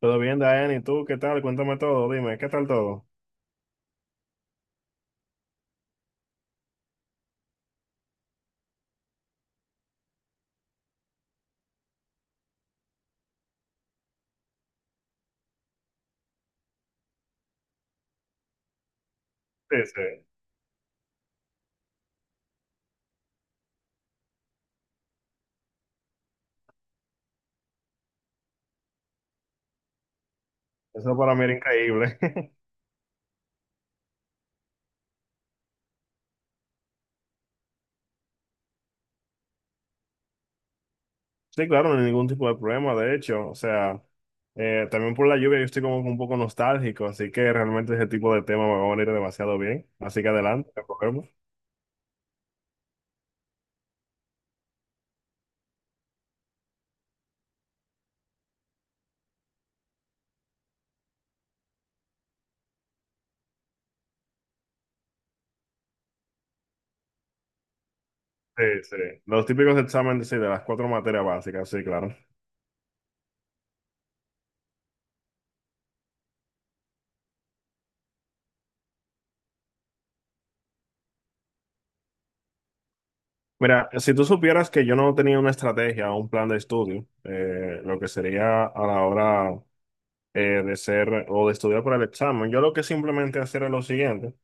Todo bien, Diane, ¿y tú qué tal? Cuéntame todo, dime, ¿qué tal todo? Sí, sí, eso para mí era increíble. Sí, claro, no hay ningún tipo de problema, de hecho, o sea, también por la lluvia yo estoy como un poco nostálgico, así que realmente ese tipo de tema me va a venir demasiado bien, así que adelante, cogemos. Sí, sí, los típicos exámenes, sí, de las cuatro materias básicas, sí, claro. Mira, si tú supieras que yo no tenía una estrategia o un plan de estudio, lo que sería a la hora de ser o de estudiar para el examen. Yo lo que simplemente hacer es lo siguiente.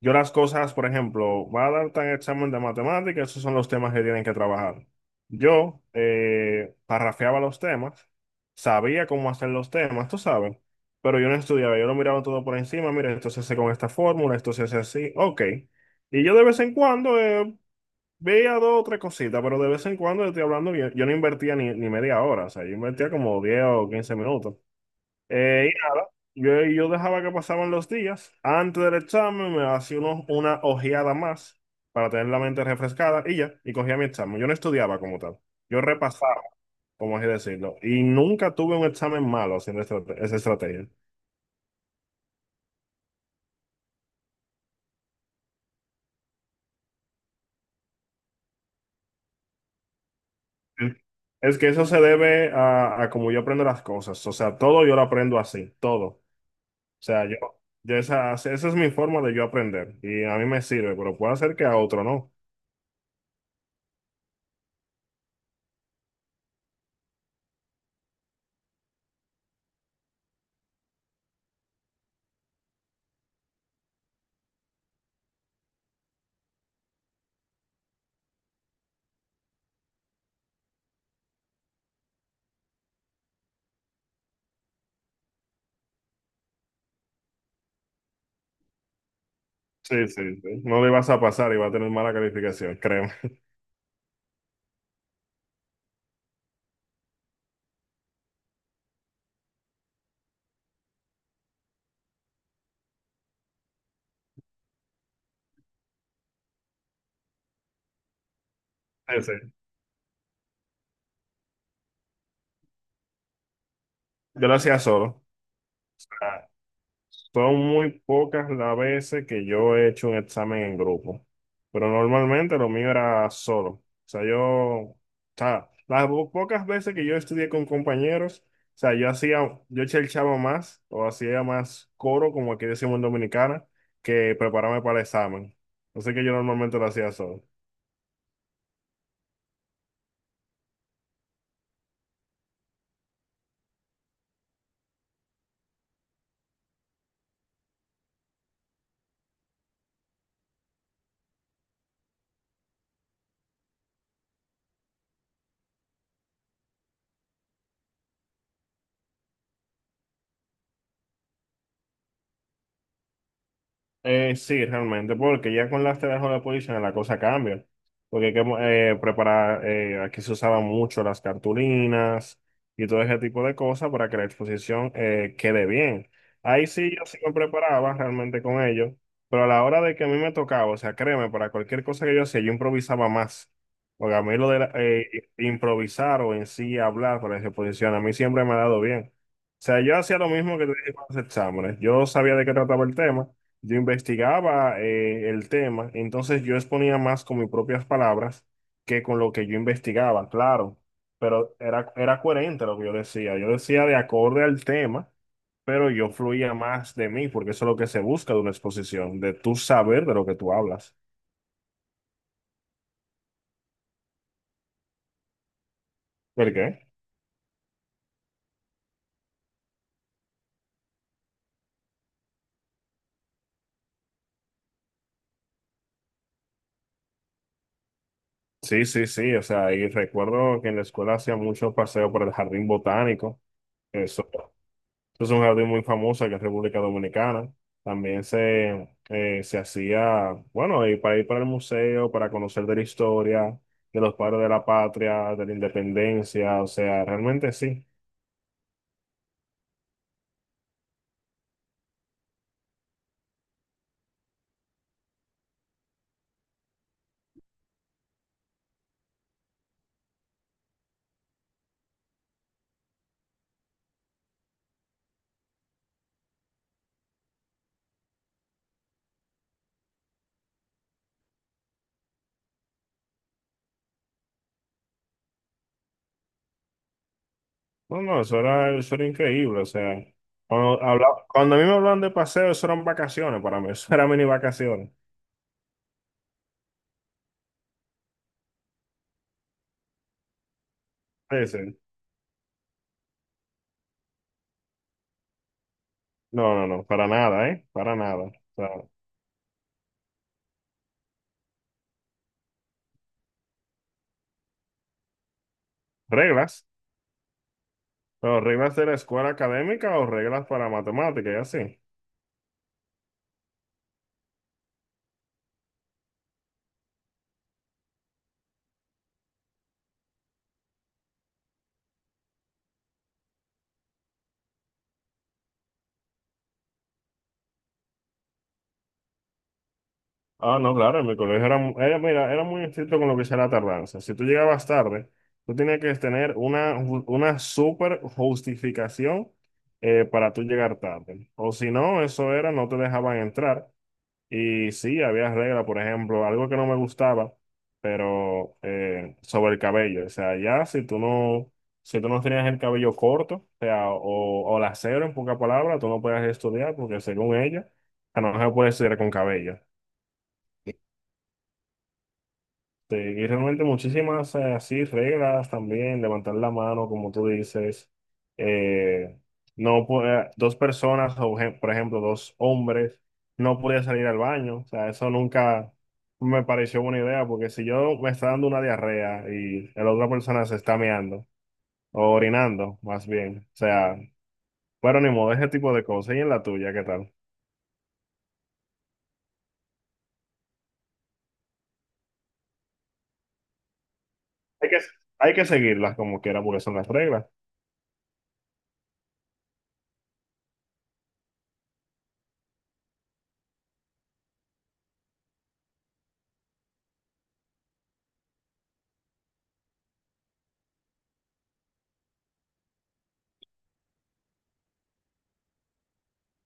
Yo las cosas, por ejemplo, va a dar tan examen de matemáticas, esos son los temas que tienen que trabajar. Yo parrafeaba los temas, sabía cómo hacer los temas, tú sabes, pero yo no estudiaba, yo lo miraba todo por encima, mira, esto se hace con esta fórmula, esto se hace así, ok. Y yo de vez en cuando veía dos o tres cositas, pero de vez en cuando estoy hablando, yo no invertía ni media hora, o sea, yo invertía como 10 o 15 minutos. Eh, yo dejaba que pasaban los días. Antes del examen me hacía una ojeada más para tener la mente refrescada y ya, y cogía mi examen. Yo no estudiaba como tal. Yo repasaba, como así decirlo. Y nunca tuve un examen malo haciendo esa estrategia. Es que eso se debe a como yo aprendo las cosas. O sea, todo yo lo aprendo así, todo. O sea, yo esa es mi forma de yo aprender. Y a mí me sirve, pero puede ser que a otro no. Sí, sí, sí. No le vas a pasar y va a tener mala calificación, créeme. Sí, sí. Yo lo hacía solo. Ah, son muy pocas las veces que yo he hecho un examen en grupo, pero normalmente lo mío era solo. O sea, yo, o sea, las pocas veces que yo estudié con compañeros, o sea, yo hacía, yo chava más o hacía más coro, como aquí decimos en Dominicana, que prepararme para el examen. Así que yo normalmente lo hacía solo. Sí, realmente, porque ya con las telas de la posición la cosa cambia. Porque hay que preparar, aquí se usaban mucho las cartulinas y todo ese tipo de cosas para que la exposición quede bien. Ahí sí yo sí me preparaba realmente con ello, pero a la hora de que a mí me tocaba, o sea, créeme, para cualquier cosa que yo hacía, yo improvisaba más. Porque a mí lo de improvisar o en sí hablar para esa exposición, a mí siempre me ha dado bien. O sea, yo hacía lo mismo que te dije con los exámenes. Yo sabía de qué trataba el tema. Yo investigaba el tema, entonces yo exponía más con mis propias palabras que con lo que yo investigaba, claro, pero era coherente lo que yo decía. Yo decía de acorde al tema, pero yo fluía más de mí, porque eso es lo que se busca de una exposición, de tú saber de lo que tú hablas. ¿Por qué? Sí, sí, sí, o sea, y recuerdo que en la escuela hacía muchos paseos por el jardín botánico. Eso es una jardín muy famosa que es República Dominicana. También se, se hacía, bueno, y para ir para el museo, para conocer de la historia, de los padres de la patria, de la independencia, o sea, realmente sí. No, no, eso era increíble, o sea, cuando a mí me hablan de paseo, eso eran vacaciones para mí, eso eran mini vacaciones. Sí, sí. No, no, no, para nada, ¿eh? Para nada. O sea, reglas, pero reglas de la escuela académica o reglas para matemáticas y así. Ah, no, claro, en mi colegio era, era, mira, era muy estricto con lo que sea la tardanza. Si tú llegabas tarde, tú tenías que tener una, una súper justificación para tú llegar tarde. O si no, eso era, no te dejaban entrar. Y sí, había reglas, por ejemplo, algo que no me gustaba, pero sobre el cabello. O sea, ya si tú no, si tú no tenías el cabello corto, o sea, o la cero en pocas palabras, tú no podías estudiar porque según ella, no se puede estudiar con cabello. Sí, y realmente muchísimas así reglas también, levantar la mano, como tú dices. Eh, no dos personas, o por ejemplo, dos hombres, no podían salir al baño. O sea, eso nunca me pareció buena idea, porque si yo me está dando una diarrea y la otra persona se está meando, o orinando, más bien. O sea, bueno, ni modo, ese tipo de cosas. Y en la tuya, ¿qué tal? Hay que, hay que seguirlas como quiera, porque son las reglas.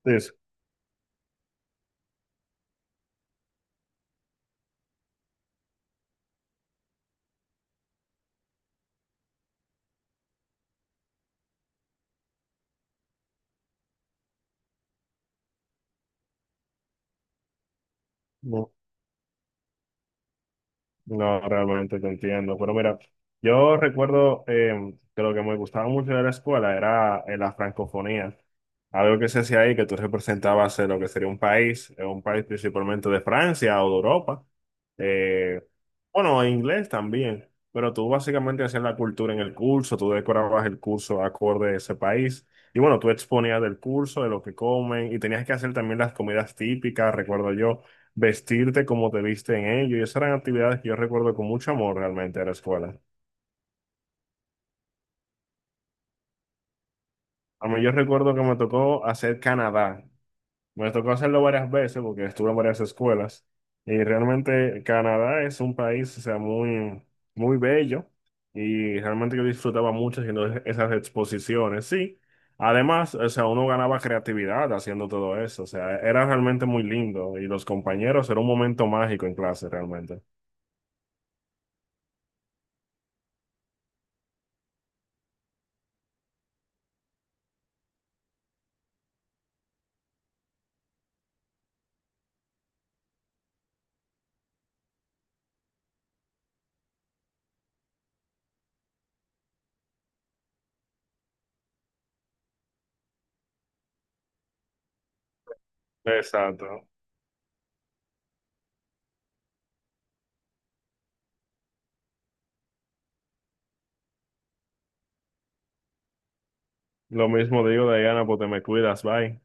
Sí, sí. No, realmente te entiendo. Pero mira, yo recuerdo que lo que me gustaba mucho de la escuela era la francofonía. Algo que se hacía ahí, que tú representabas lo que sería un país principalmente de Francia o de Europa. Eh, bueno, en inglés también. Pero tú básicamente hacías la cultura en el curso, tú decorabas el curso acorde a ese país. Y bueno, tú exponías del curso, de lo que comen, y tenías que hacer también las comidas típicas, recuerdo yo vestirte como te viste en ello. Y esas eran actividades que yo recuerdo con mucho amor realmente de la escuela. A mí yo recuerdo que me tocó hacer Canadá. Me tocó hacerlo varias veces porque estuve en varias escuelas. Y realmente Canadá es un país, o sea, muy, muy bello. Y realmente yo disfrutaba mucho haciendo esas exposiciones. Sí, además, o sea, uno ganaba creatividad haciendo todo eso. O sea, era realmente muy lindo. Y los compañeros, era un momento mágico en clase realmente. Exacto. Lo mismo digo, Diana, pues te me cuidas, bye.